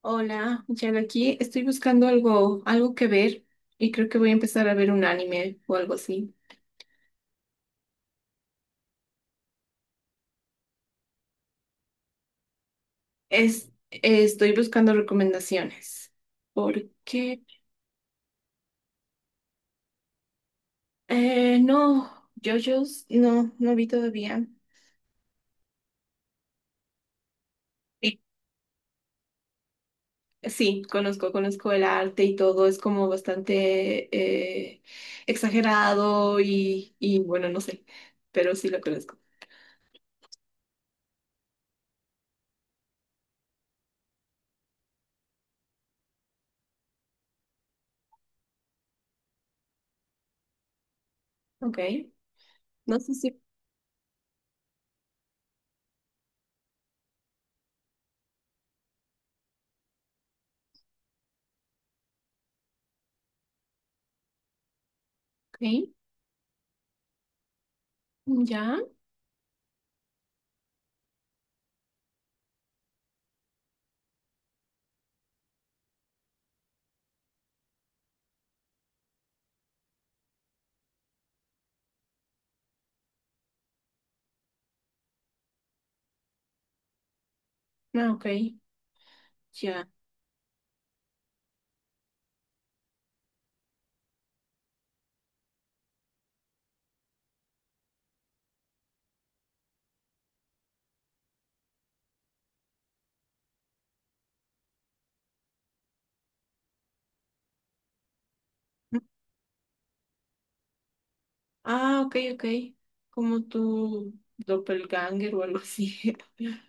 Hola, Jan aquí. Estoy buscando algo que ver y creo que voy a empezar a ver un anime o algo así. Estoy buscando recomendaciones porque no, JoJo's no, no vi todavía. Y sí, conozco el arte y todo, es como bastante eh, exagerado y bueno, no sé, pero sí lo conozco. Ok, no sé si... Ok, ya. Ah, ok, ya. Ah, ok, ok. Como tu doppelganger o algo así.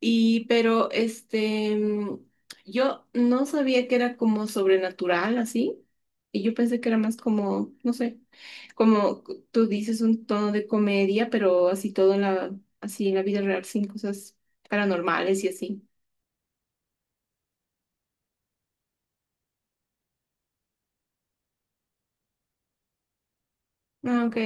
Y pero este, yo no sabía que era como sobrenatural así. Y yo pensé que era más como, no sé, tú dices un tono de comedia, pero así todo así en la vida real, sin cosas paranormales y así. Ah, ok.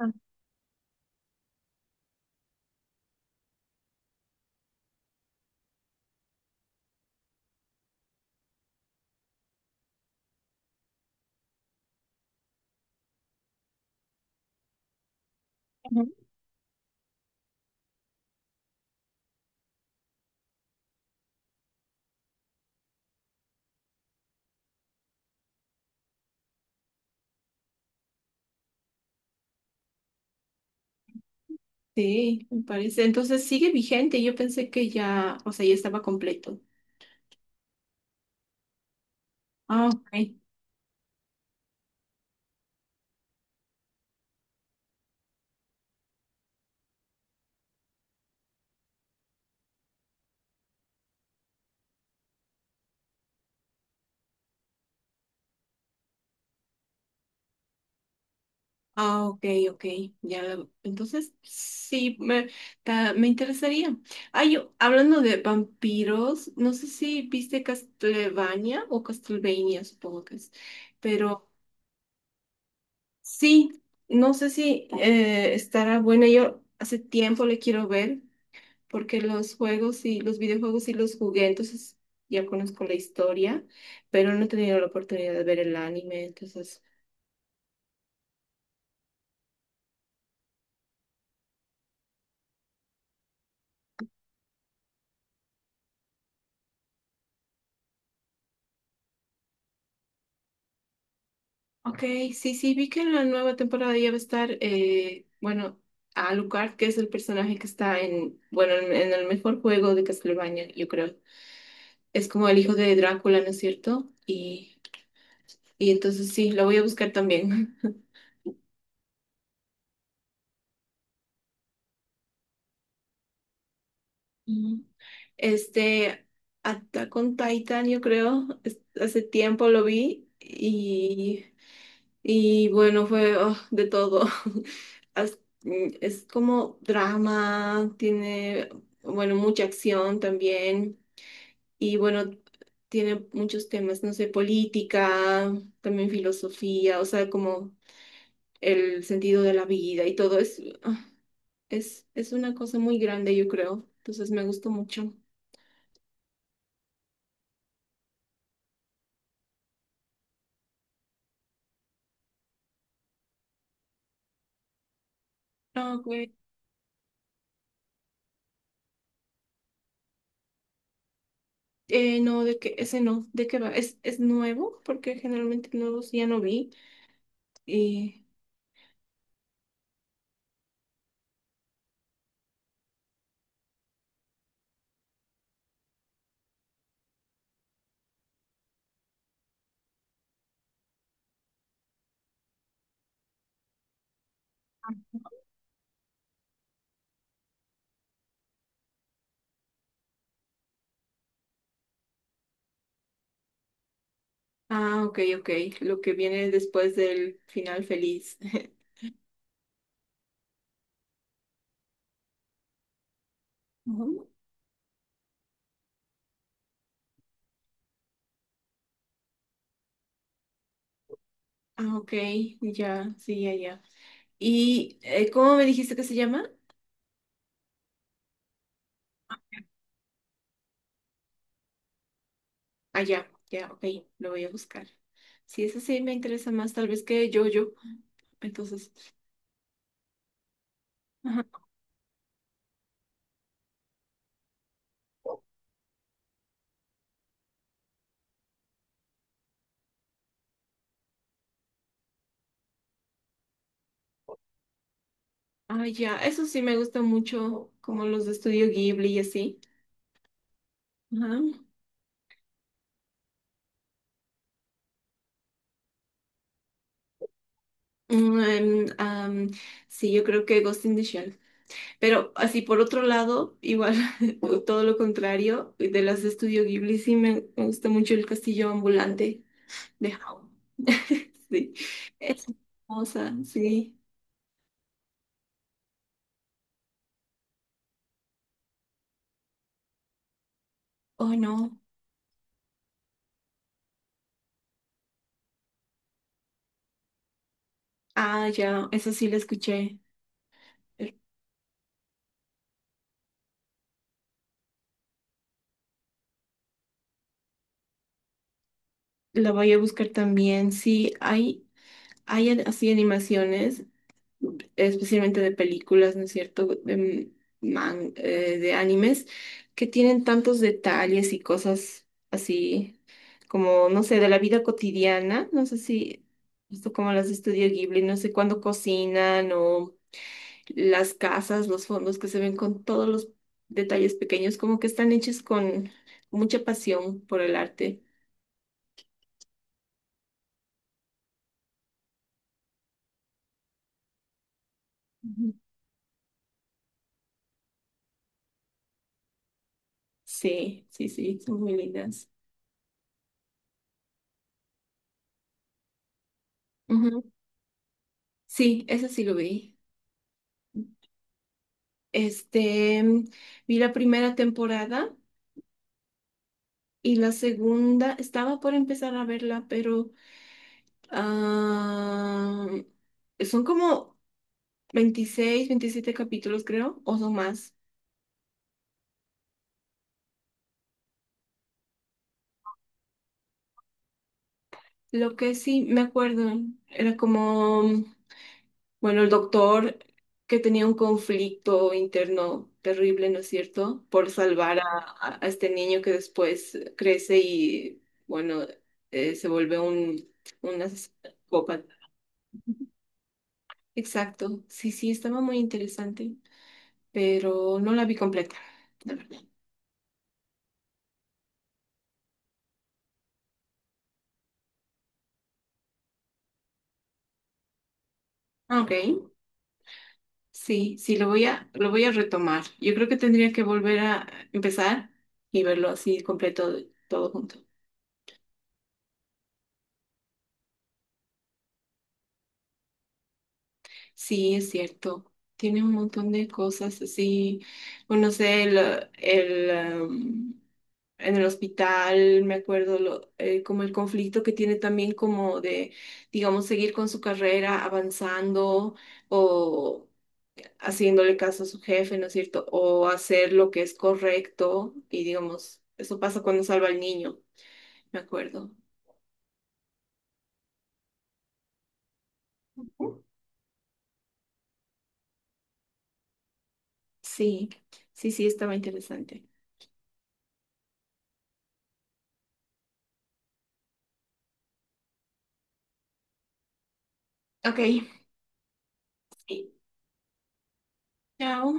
Ah, ujú. Sí, me parece. Entonces sigue vigente. Yo pensé que ya, o sea, ya estaba completo. Ah, ok. Ah, ok, ok. Entonces, me interesaría. Ay, hablando de vampiros, no sé si viste Castlevania o Castlevania, supongo que es. Pero sí, no sé si estará buena. Yo hace tiempo le quiero ver, porque los juegos y los videojuegos y los jugué, entonces ya conozco la historia, pero no he tenido la oportunidad de ver el anime, entonces. Ok, sí, sí, vi que en la nueva temporada ya va a estar, bueno, Alucard, que es el personaje que está en, bueno, en el mejor juego de Castlevania, yo creo. Es como el hijo de Drácula, ¿no es cierto? Y entonces sí, lo voy a buscar también. Ujú. Este, Attack on Titan, yo creo, es- hace tiempo lo vi y... Y bueno, fue ah, de todo. Es como drama, tiene, bueno, mucha acción también. Y bueno, tiene muchos temas, no sé, política, también filosofía, o sea, como el sentido de la vida y todo. Es, ah, es una cosa muy grande, yo creo. Entonces me gustó mucho. Ah, güey. No, de que ese no, ¿de qué va? Es nuevo? Porque generalmente nuevos ya no vi. Y. Ah, ok, ok. Lo que viene después del final feliz. Ujú. Ah, ok, ya, sí, ya, ya. ¿Y cómo me dijiste que se llama? Ah, ya, ya, ok, lo voy a buscar. Sí, eso sí me interesa más, tal vez que yo. Entonces, ajá. Ah, ya, eso sí me gusta mucho, como los de Estudio Ghibli y así. Ajá. Mm, em, am, sí, yo creo que Ghost in the Shell. Pero así por otro lado, igual o todo lo contrario, de las de Estudio Ghibli sí me gusta mucho el castillo ambulante de Howl. Sí, es hermosa, sí. Oh, no. Ah, ya, esa sí la escuché. La voy a buscar también. Sí, hay así animaciones, especialmente de películas, ¿no es cierto? De animes, que tienen tantos detalles y cosas así, como, no sé, de la vida cotidiana, no sé si, esto como las de Estudio Ghibli, no sé cuándo cocinan o las casas, los fondos que se ven con todos los detalles pequeños, como que están hechos con mucha pasión por el arte. Ujú. Sí, sí, sí, son muy lindas. Ujú. Sí, eso sí lo vi. Este, vi la primera temporada y la segunda, estaba por empezar a verla, pero ah, son como 26 o 27 capítulos, creo, o son más. Lo que sí me acuerdo era como, bueno, el doctor que tenía un conflicto interno terrible, ¿no es cierto? Por salvar a, a este niño que después crece y, bueno, se vuelve un... Exacto, sí, sí, estaba muy interesante, pero no la vi completa, la verdad. Ok, sí, sí, lo voy a retomar. Yo creo que tendría que volver a empezar y verlo así completo, todo junto. Sí, es cierto, tiene un montón de cosas así, bueno, no sé, el, en el hospital, me acuerdo, como el conflicto que tiene también como de, digamos, seguir con su carrera, avanzando o haciéndole caso a su jefe, ¿no es cierto? O hacer lo que es correcto y digamos, eso pasa cuando salva al niño, me acuerdo. Sí, sí, sí, estaba interesante. Ok, sí. Chao.